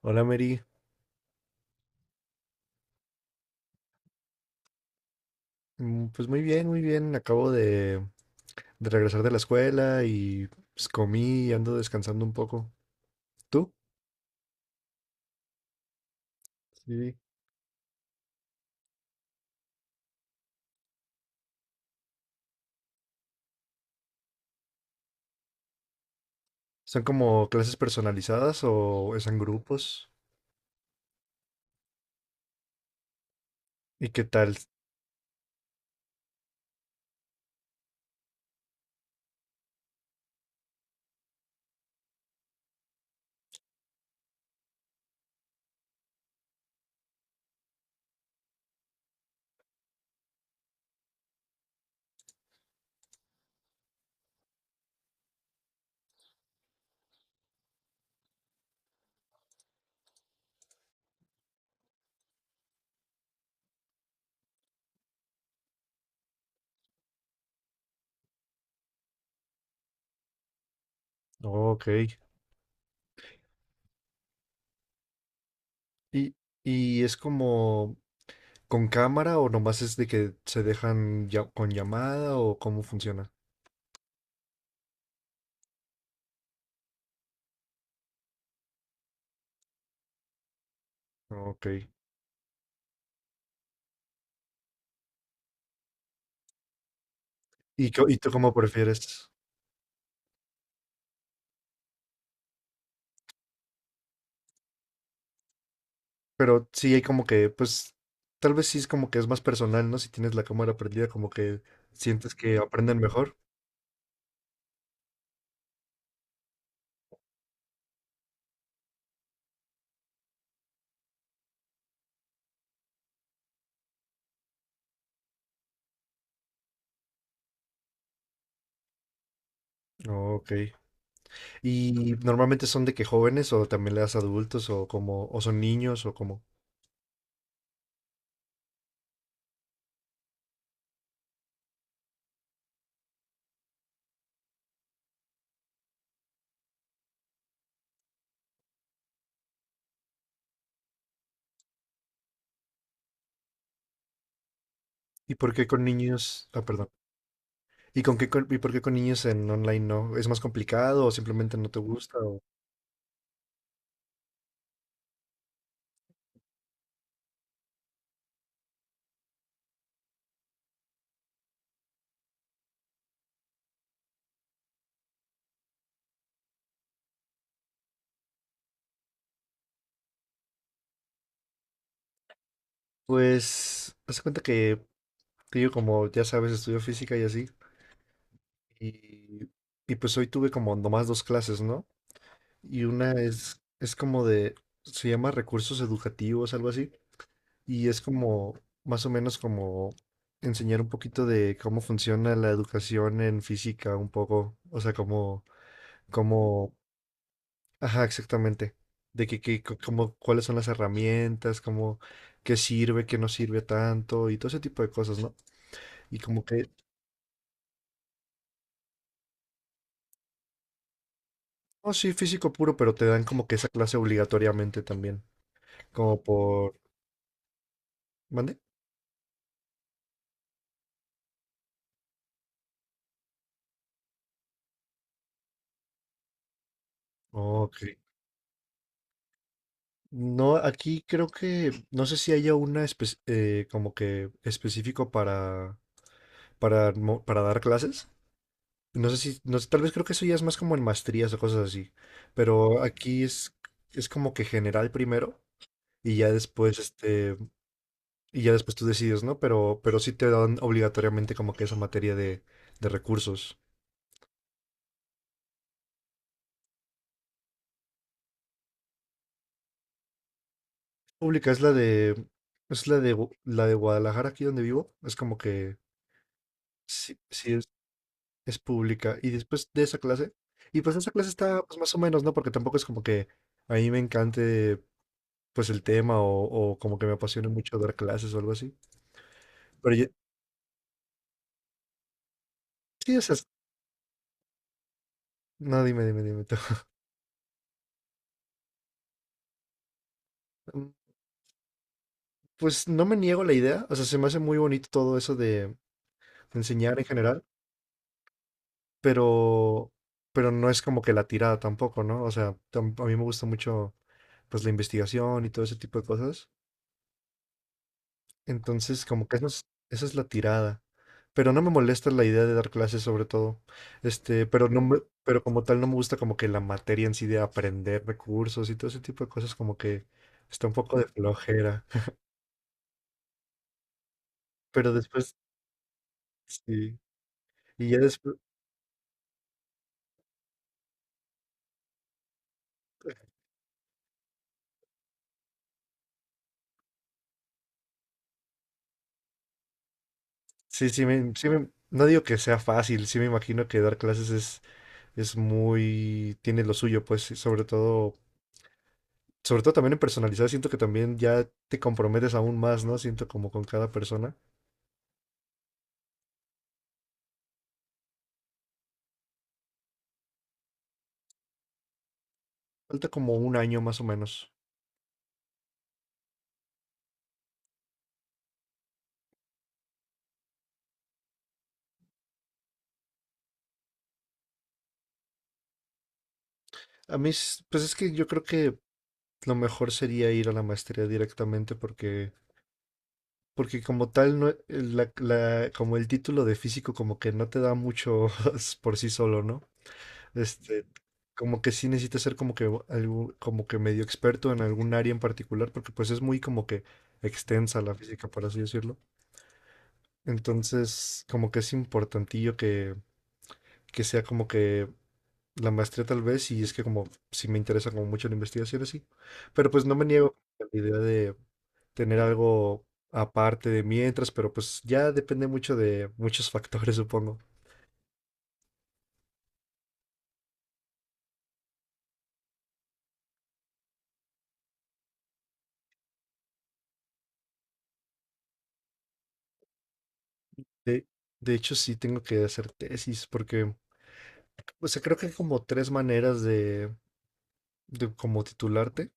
Hola Mary. Pues muy bien, muy bien. Acabo de regresar de la escuela y pues comí y ando descansando un poco. ¿Tú? Sí. ¿Son como clases personalizadas o es en grupos? ¿Y qué tal? Oh, ok. ¿Y, y es como con cámara o nomás es de que se dejan con llamada o cómo funciona? Ok. Y tú cómo prefieres? Pero sí hay como que, pues, tal vez sí es como que es más personal, ¿no? Si tienes la cámara prendida, como que sientes que aprenden mejor. Oh, ok. ¿Y normalmente son de que jóvenes o también le das a adultos o como, o son niños o como? ¿Y por qué con niños? Ah, perdón. Y por qué con niños en online no? ¿Es más complicado o simplemente no te gusta? O... Pues, haz de cuenta que yo como ya sabes, estudio física y así. Y, y pues hoy tuve como nomás dos clases, ¿no? Y una es como de, se llama recursos educativos, algo así, y es como, más o menos como enseñar un poquito de cómo funciona la educación en física, un poco, o sea, como, como, ajá, exactamente, de como, cuáles son las herramientas, como, qué sirve, qué no sirve tanto, y todo ese tipo de cosas, ¿no? Y como que, oh, sí, físico puro, pero te dan como que esa clase obligatoriamente también, como por, ¿mande? Ok. No, aquí creo que, no sé si haya una como que específico para dar clases. No sé si, no sé, tal vez creo que eso ya es más como en maestrías o cosas así. Pero aquí es como que general primero y ya después, este, y ya después tú decides, ¿no? Pero sí te dan obligatoriamente como que esa materia de recursos. Pública es la de, la de Guadalajara, aquí donde vivo. Es como que, sí, sí es pública. Y después de esa clase, y pues esa clase está pues, más o menos, ¿no? Porque tampoco es como que a mí me encante pues el tema o como que me apasione mucho dar clases o algo así. Pero yo, sí, o sea, no, dime, dime, dime tú. Mm, Pues no me niego la idea, o sea, se me hace muy bonito todo eso de enseñar en general, pero, pero no es como que la tirada tampoco, ¿no? O sea, a mí me gusta mucho pues la investigación y todo ese tipo de cosas. Entonces, como que esa es la tirada. Pero no me molesta la idea de dar clases sobre todo. Este, pero no me- pero como tal no me gusta como que la materia en sí de aprender recursos y todo ese tipo de cosas como que está un poco de flojera. Pero después, sí. Y ya después, sí, sí, no digo que sea fácil, sí me imagino que dar clases es muy, tiene lo suyo, pues, sí, sobre todo también en personalizar, siento que también ya te comprometes aún más, ¿no? Siento como con cada persona. Falta como un año más o menos. A mí, pues es que yo creo que lo mejor sería ir a la maestría directamente porque, porque como tal, no, como el título de físico como que no te da mucho por sí solo, ¿no? Este, como que sí necesitas ser como que algo, como que medio experto en algún área en particular porque pues es muy como que extensa la física, por así decirlo. Entonces, como que es importantillo que sea como que la maestría tal vez, y es que como si me interesa como mucho la investigación así, pero pues no me niego a la idea de tener algo aparte de mientras, pero pues ya depende mucho de muchos factores, supongo. De, de hecho, sí tengo que hacer tesis, porque, o sea, creo que hay como tres maneras de como titularte,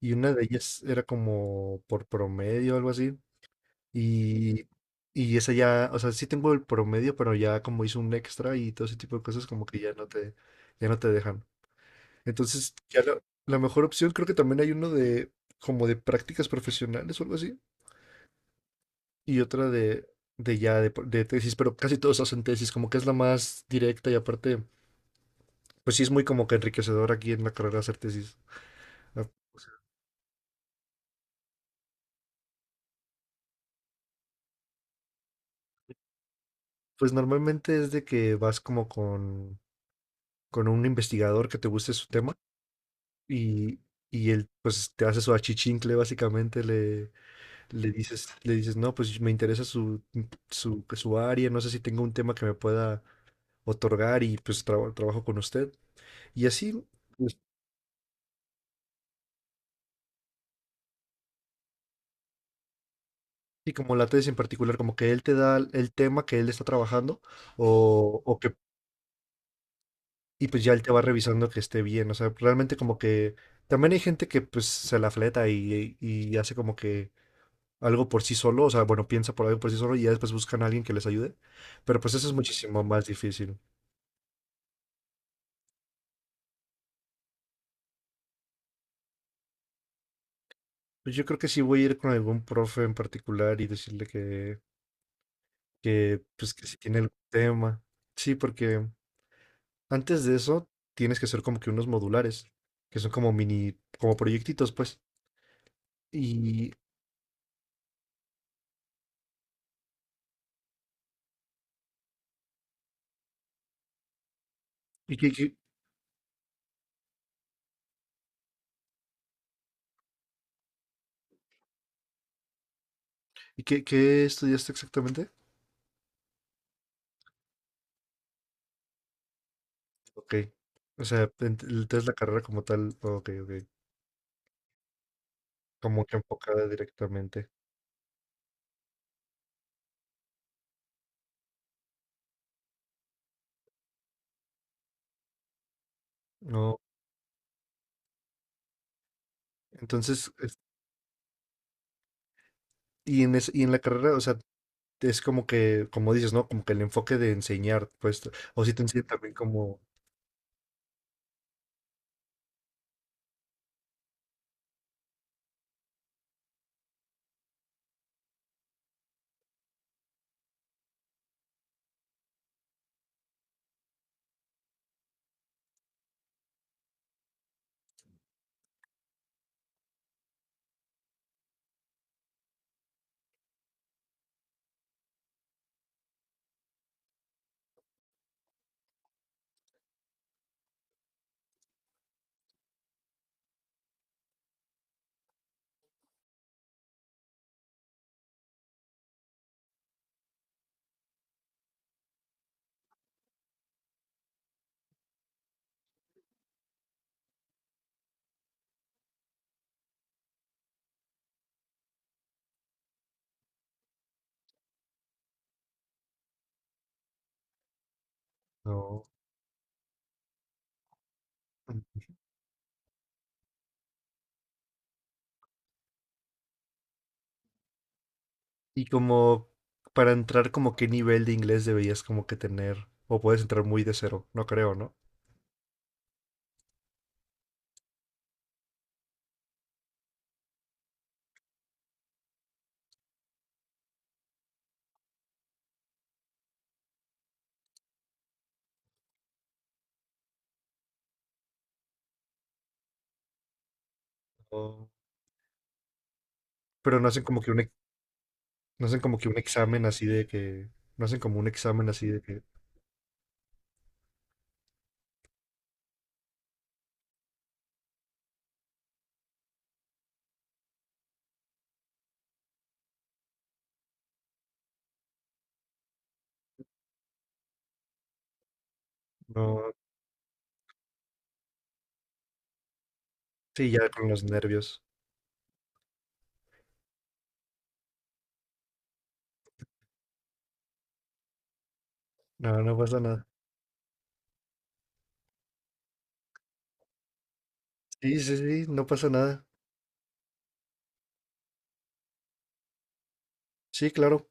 y una de ellas era como por promedio, algo así, y, y esa ya, o sea, sí tengo el promedio, pero ya como hice un extra y todo ese tipo de cosas, como que ya no te dejan. Entonces, ya la mejor opción, creo que también hay uno de como de prácticas profesionales o algo así, y otra de, de tesis, pero casi todos hacen tesis, como que es la más directa y aparte, pues sí es muy como que enriquecedor aquí en la carrera hacer tesis. Ah, pues normalmente es de que vas como con un investigador que te guste su tema y, y él pues te hace su achichincle, básicamente le dices, no, pues me interesa su, su área, no sé si tengo un tema que me pueda otorgar y pues trabajo con usted. Y así, pues, y como la tesis en particular, como que él te da el tema que él está trabajando o que, y pues ya él te va revisando que esté bien. O sea, realmente como que también hay gente que pues se la fleta y hace como que algo por sí solo, o sea, bueno, piensa por algo por sí solo y ya después buscan a alguien que les ayude. Pero pues eso es muchísimo más difícil. Pues yo creo que sí voy a ir con algún profe en particular y decirle que pues que si tiene algún tema. Sí, porque antes de eso, tienes que hacer como que unos modulares, que son como mini, como proyectitos, pues. ¿Y, y, qué, qué- Qué estudiaste exactamente? Ok. O sea, entonces la carrera como tal, ok, ok. Como que enfocada directamente. No. Entonces, y en la carrera, o sea, es como que, como dices, ¿no? Como que el enfoque de enseñar, pues, o si te enseñan también como, no. Y como para entrar, como qué nivel de inglés deberías como que tener, o puedes entrar muy de cero, no creo, ¿no? O- Pero no hacen como que un, no hacen como que un examen así de que, no hacen como un examen así de que, no, sí, ya con los nervios. No, no pasa nada. Sí, sí, sí, no pasa nada. Sí, claro.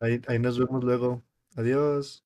Ahí nos vemos luego. Adiós.